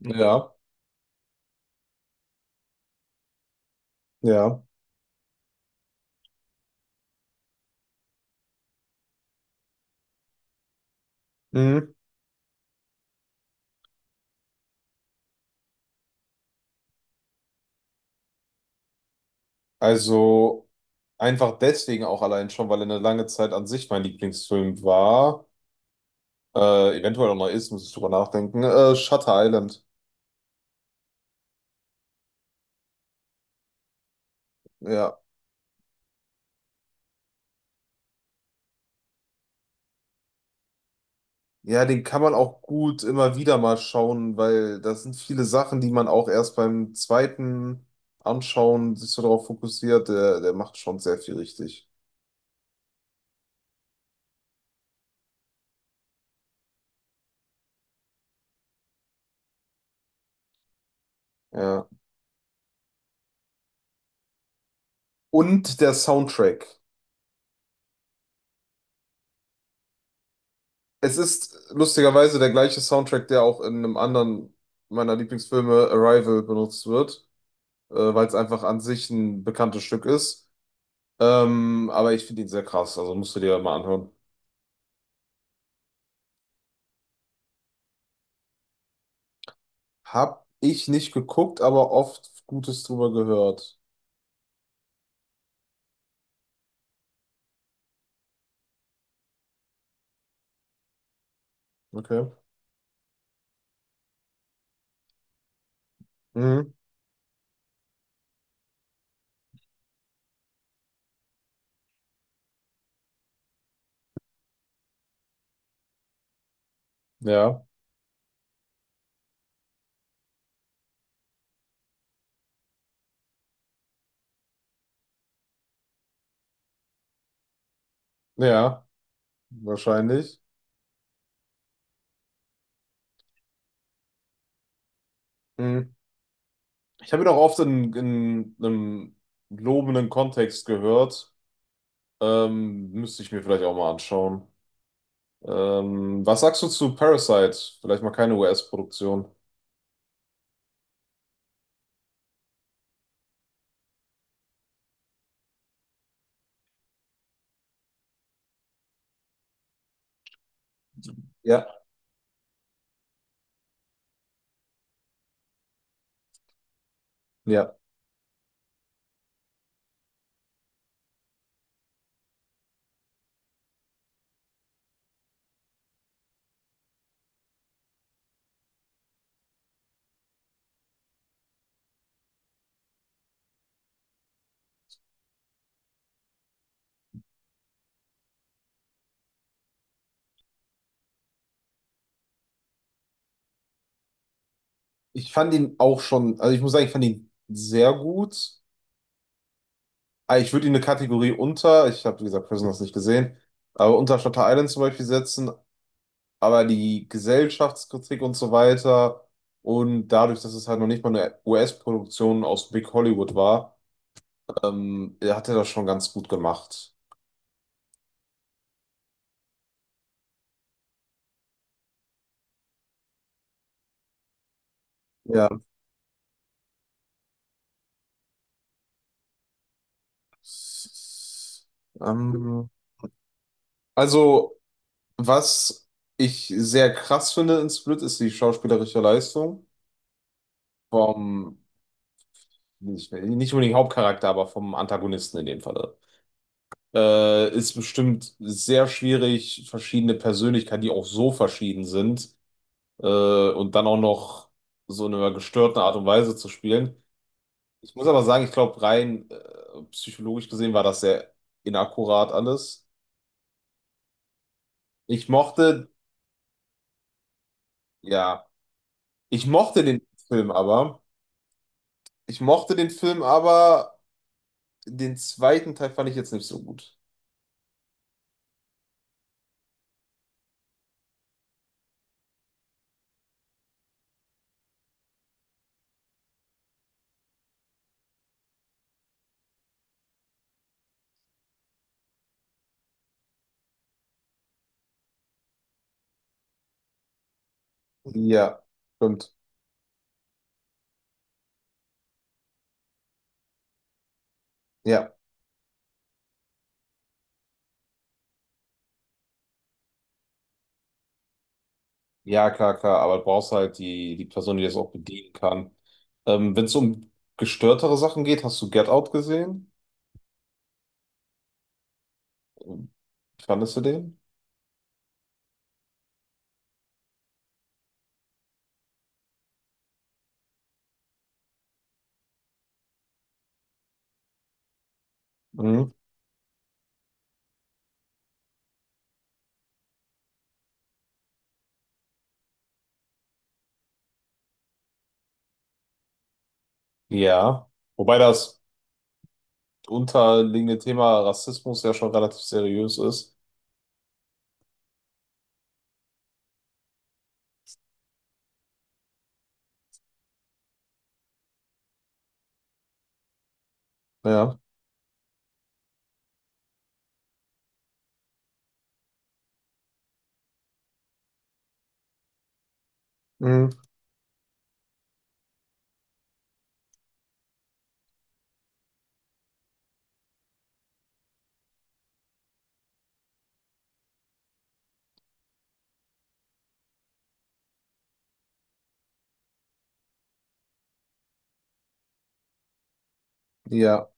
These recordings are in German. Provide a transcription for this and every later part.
Ja, ja. Mhm. Also einfach deswegen auch allein schon, weil er eine lange Zeit an sich mein Lieblingsfilm war, eventuell auch noch ist, muss ich drüber nachdenken, Shutter Island. Ja. Ja, den kann man auch gut immer wieder mal schauen, weil das sind viele Sachen, die man auch erst beim zweiten Anschauen sich so darauf fokussiert. Der macht schon sehr viel richtig. Ja. Und der Soundtrack. Es ist lustigerweise der gleiche Soundtrack, der auch in einem anderen meiner Lieblingsfilme Arrival benutzt wird, weil es einfach an sich ein bekanntes Stück ist. Aber ich finde ihn sehr krass, also musst du dir mal anhören. Hab ich nicht geguckt, aber oft Gutes drüber gehört. Okay. Mhm. Ja, ja, wahrscheinlich. Mhm. Ich habe ihn auch oft in einem lobenden Kontext gehört. Müsste ich mir vielleicht auch mal anschauen. Was sagst du zu Parasite? Vielleicht mal keine US-Produktion. Ja, ja. Ich fand ihn auch schon, also ich muss sagen, ich fand ihn sehr gut. Ah, ich würde ihn eine Kategorie unter, ich habe wie gesagt Prisoners nicht gesehen, aber unter Shutter Island zum Beispiel setzen, aber die Gesellschaftskritik und so weiter und dadurch, dass es halt noch nicht mal eine US-Produktion aus Big Hollywood war, hat er das schon ganz gut gemacht. Ja. Ähm, also Was ich sehr krass finde in Split ist die schauspielerische Leistung vom, nicht, nicht unbedingt Hauptcharakter, aber vom Antagonisten in dem Falle. Ist bestimmt sehr schwierig, verschiedene Persönlichkeiten, die auch so verschieden sind, äh, und dann auch noch so in einer gestörten Art und Weise zu spielen. Ich muss aber sagen, ich glaube, rein, psychologisch gesehen war das sehr inakkurat alles. Ich mochte, ja, ich mochte den Film aber. Ich mochte den Film aber Den zweiten Teil fand ich jetzt nicht so gut. Ja, stimmt. Ja, ja, klar, klar. Aber du brauchst halt die Person, die das auch bedienen kann. Wenn es um gestörtere Sachen geht, hast du Get Out gesehen? Wie fandest du den? Mhm. Ja. Wobei das unterliegende Thema Rassismus ja schon relativ seriös ist. Ja. Mhm. Ja.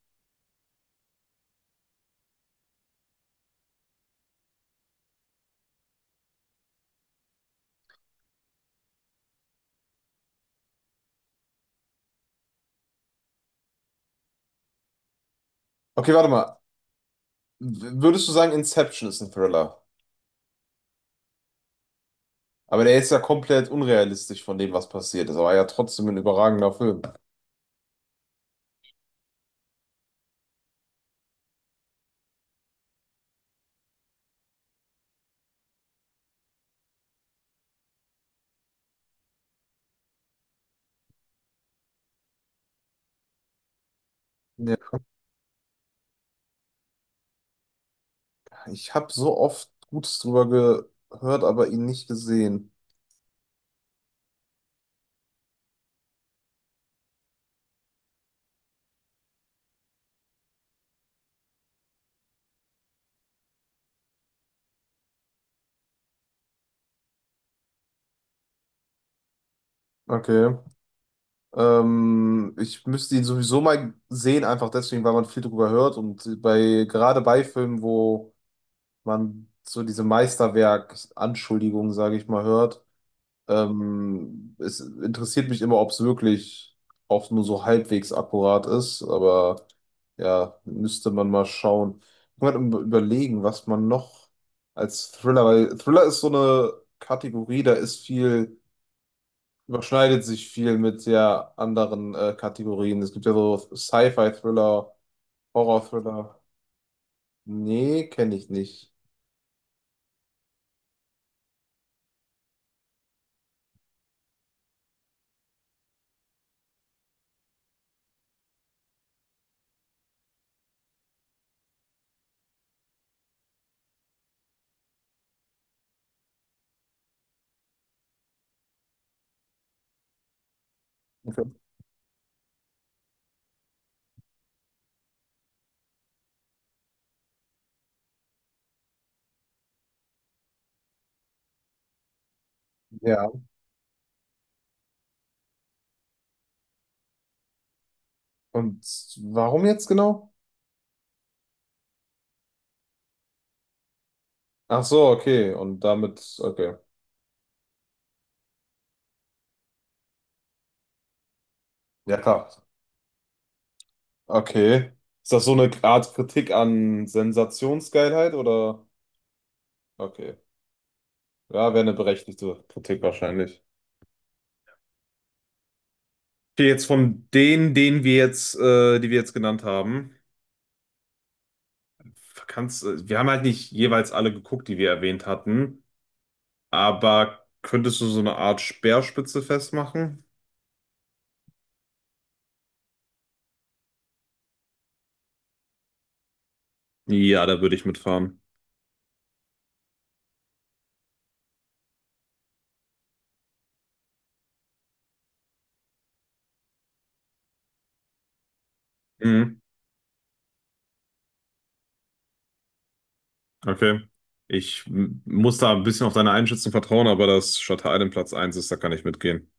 Okay, warte mal. Würdest du sagen, Inception ist ein Thriller? Aber der ist ja komplett unrealistisch von dem, was passiert ist. Aber ja, trotzdem ein überragender Film. Ich habe so oft Gutes drüber gehört, aber ihn nicht gesehen. Okay. Ich müsste ihn sowieso mal sehen, einfach deswegen, weil man viel drüber hört und bei gerade bei Filmen, wo man so diese Meisterwerk-Anschuldigungen, sage ich mal, hört. Es interessiert mich immer, ob es wirklich auch nur so halbwegs akkurat ist, aber ja, müsste man mal schauen. Ich muss mal überlegen, was man noch als Thriller, weil Thriller ist so eine Kategorie, da ist viel, überschneidet sich viel mit der anderen Kategorien. Es gibt ja so Sci-Fi-Thriller, Horror-Thriller. Nee, kenne ich nicht. Okay. Ja. Und warum jetzt genau? Ach so, okay. Und damit, okay. Ja, klar. Okay. Ist das so eine Art Kritik an Sensationsgeilheit oder? Okay. Ja, wäre eine berechtigte Kritik wahrscheinlich. Okay, jetzt von denen, die wir jetzt genannt haben, wir haben halt nicht jeweils alle geguckt, die wir erwähnt hatten, aber könntest du so eine Art Speerspitze festmachen? Ja, da würde ich mitfahren. Mhm. Okay. Muss da ein bisschen auf deine Einschätzung vertrauen, aber dass Shutter Island Platz eins ist, da kann ich mitgehen.